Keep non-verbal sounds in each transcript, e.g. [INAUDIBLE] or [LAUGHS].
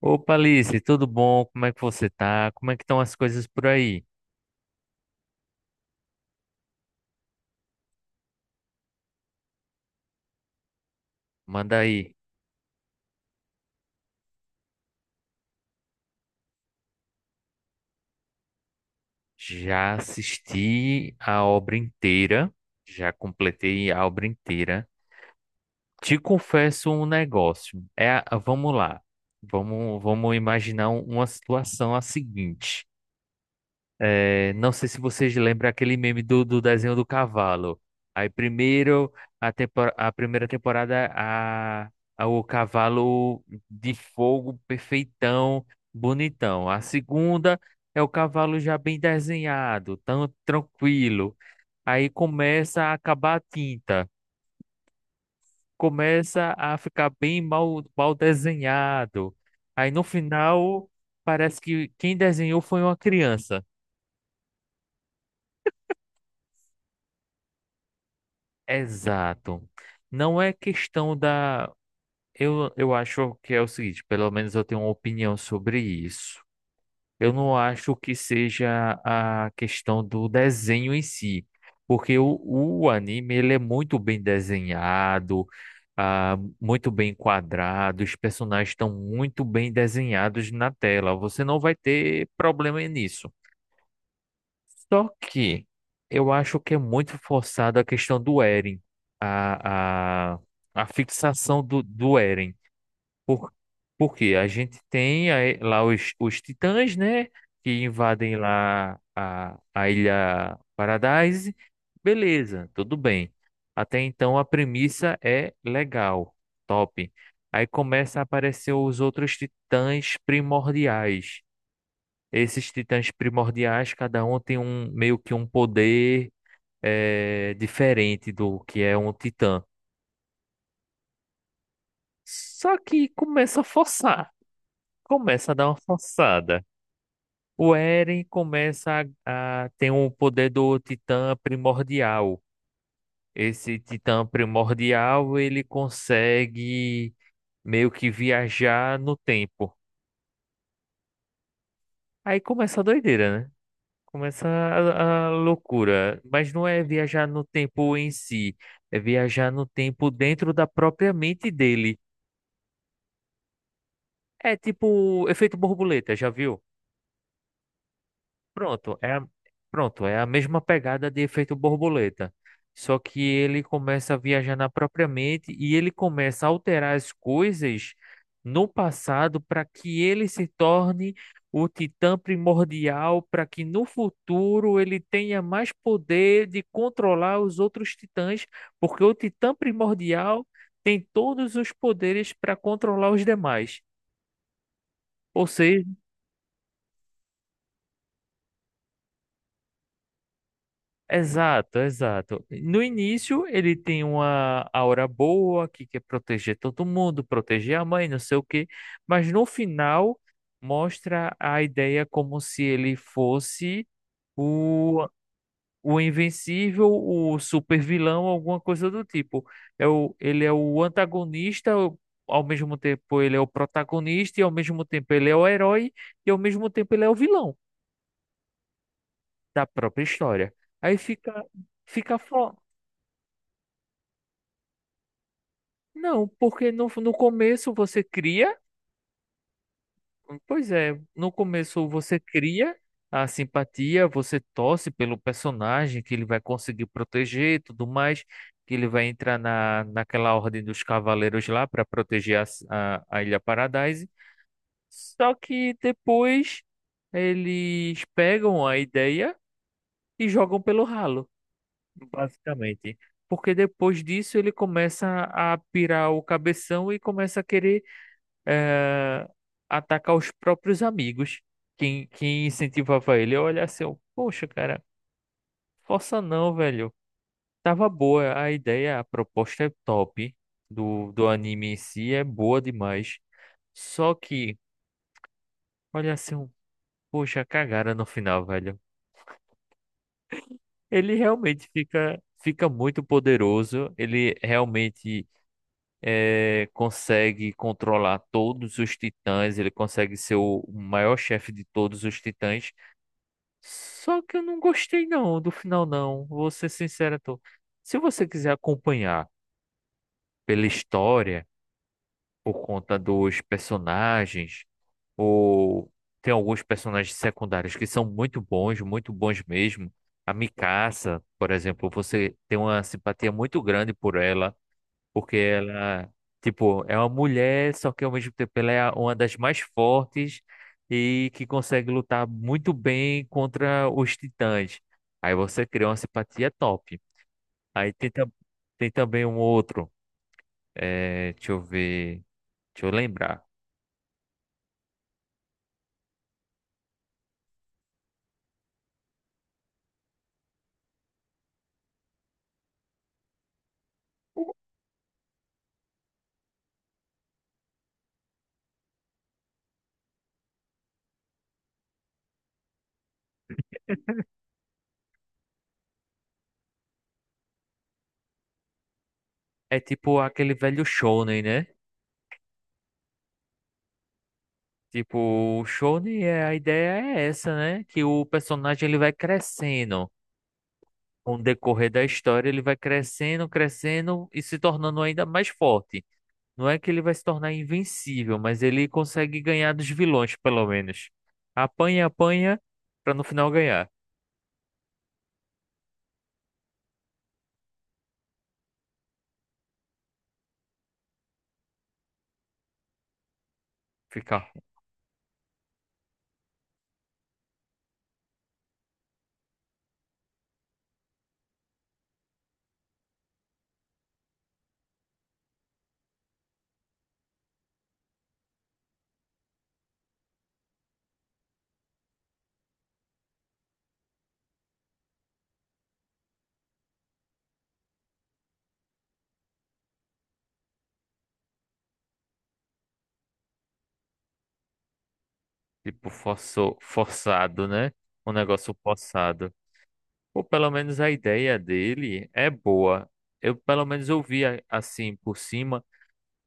Opa, Alice, tudo bom? Como é que você tá? Como é que estão as coisas por aí? Manda aí. Já assisti a obra inteira, já completei a obra inteira. Te confesso um negócio. Vamos lá. Vamos imaginar uma situação a seguinte. Não sei se vocês lembram aquele meme do desenho do cavalo. Aí primeiro a primeira temporada, o cavalo de fogo perfeitão, bonitão. A segunda é o cavalo já bem desenhado, tão tranquilo. Aí começa a acabar a tinta, começa a ficar bem mal, mal desenhado. Aí no final parece que quem desenhou foi uma criança. Exato. Não é questão da. Eu acho que é o seguinte, pelo menos eu tenho uma opinião sobre isso. Eu não acho que seja a questão do desenho em si, porque o anime ele é muito bem desenhado, muito bem quadrado, os personagens estão muito bem desenhados na tela. Você não vai ter problema nisso. Só que eu acho que é muito forçada a questão do Eren, a, a, a fixação do Eren. Por, Porque a gente tem aí lá os titãs, né? Que invadem lá a Ilha Paradise. Beleza, tudo bem. Até então a premissa é legal, top. Aí começa a aparecer os outros titãs primordiais. Esses titãs primordiais, cada um tem um meio que um poder diferente do que é um titã. Só que começa a forçar, começa a dar uma forçada. O Eren começa a ter o poder do titã primordial. Esse titã primordial, ele consegue meio que viajar no tempo. Aí começa a doideira, né? Começa a loucura, mas não é viajar no tempo em si, é viajar no tempo dentro da própria mente dele. É tipo efeito borboleta, já viu? Pronto, é a, pronto, é a mesma pegada de efeito borboleta. Só que ele começa a viajar na própria mente e ele começa a alterar as coisas no passado para que ele se torne o titã primordial, para que no futuro ele tenha mais poder de controlar os outros titãs, porque o titã primordial tem todos os poderes para controlar os demais. Ou seja, exato, exato. No início, ele tem uma aura boa, que quer proteger todo mundo, proteger a mãe, não sei o quê, mas no final mostra a ideia como se ele fosse o, o invencível, o super vilão, alguma coisa do tipo. Ele é o antagonista, ao mesmo tempo ele é o protagonista, e ao mesmo tempo ele é o herói, e ao mesmo tempo ele é o vilão da própria história. Aí fica, fica, fo- Não, porque no começo você cria, pois é, no começo você cria a simpatia, você torce pelo personagem que ele vai conseguir proteger e tudo mais, que ele vai entrar naquela ordem dos cavaleiros lá para proteger a Ilha Paradise. Só que depois eles pegam a ideia e jogam pelo ralo, basicamente. Porque depois disso ele começa a pirar o cabeção e começa a querer eh, atacar os próprios amigos. Quem incentivava ele a olhar assim, eu, poxa, cara, força não, velho. Tava boa a ideia, a proposta é top do anime em si, é boa demais. Só que, olha assim, eu, poxa, cagada no final, velho. Ele realmente fica muito poderoso, ele realmente consegue controlar todos os titãs, ele consegue ser o maior chefe de todos os titãs. Só que eu não gostei não do final não, vou ser sincero, tô. Se você quiser acompanhar pela história, por conta dos personagens, ou tem alguns personagens secundários que são muito bons mesmo. A Mikasa, por exemplo, você tem uma simpatia muito grande por ela. Porque ela, tipo, é uma mulher, só que ao mesmo tempo ela é uma das mais fortes e que consegue lutar muito bem contra os titãs. Aí você cria uma simpatia top. Aí tem, tam- Tem também um outro, é, deixa eu ver, deixa eu lembrar. É tipo aquele velho Shonen, né? Tipo, o Shonen, é, a ideia é essa, né? Que o personagem ele vai crescendo. Com o decorrer da história, ele vai crescendo, crescendo e se tornando ainda mais forte. Não é que ele vai se tornar invencível, mas ele consegue ganhar dos vilões, pelo menos. Apanha, apanha, pra no final ganhar. Ficar, tipo, forçado, né? Um negócio forçado. Ou pelo menos a ideia dele é boa. Eu, pelo menos, eu vi, assim, por cima,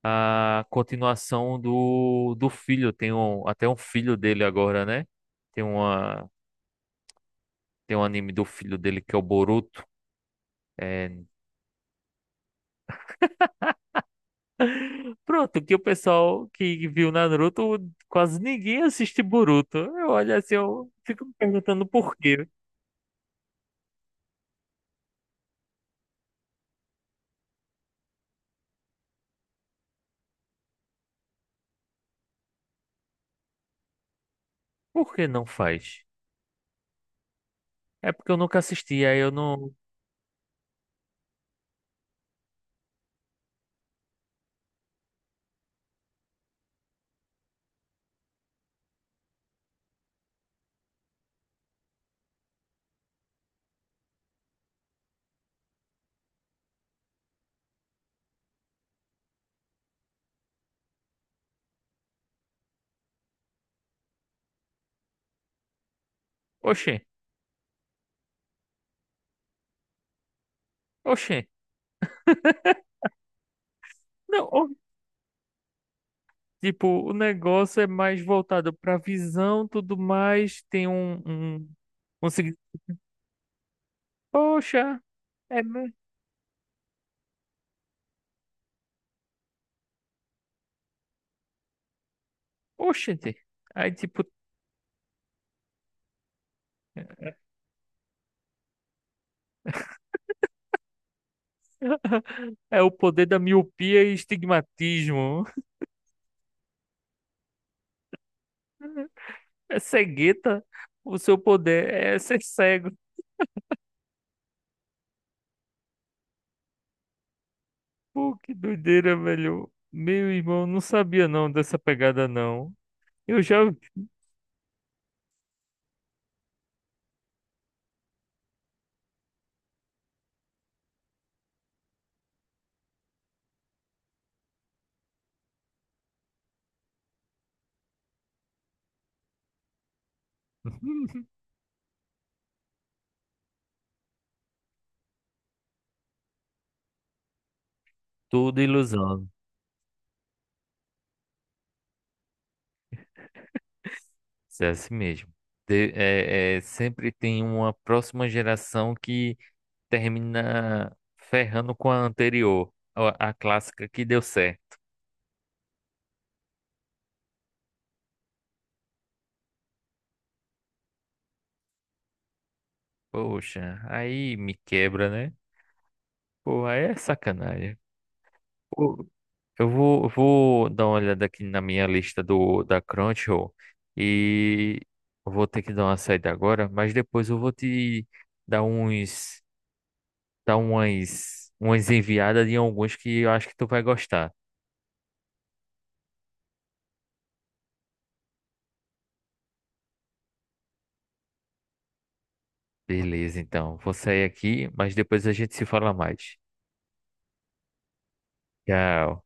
a continuação do filho. Tem um, até um filho dele agora, né? Tem uma, tem um anime do filho dele que é o Boruto. É, pronto, que o pessoal que viu Naruto, quase ninguém assiste Boruto. Eu olho assim, eu fico me perguntando por quê. Por que não faz? É porque eu nunca assisti, aí eu não. Oxê, oxê. Não, ó, tipo, o negócio é mais voltado pra visão, tudo mais. Um seguinte. Poxa, é. me- Oxente. Aí, tipo, [LAUGHS] é o poder da miopia e estigmatismo. É cegueta. O seu poder é ser cego. Pô, que doideira, velho. Meu irmão, não sabia não dessa pegada, não. Eu já. [LAUGHS] Tudo ilusão. Isso é assim mesmo. Sempre tem uma próxima geração que termina ferrando com a anterior, a clássica que deu certo. Poxa, aí me quebra, né? Pô, aí é sacanagem. Eu vou dar uma olhada aqui na minha lista do da Crunchyroll e eu vou ter que dar uma saída agora, mas depois eu vou te dar uns, dar umas, umas enviadas de alguns que eu acho que tu vai gostar. Beleza, então. Vou sair aqui, mas depois a gente se fala mais. Tchau.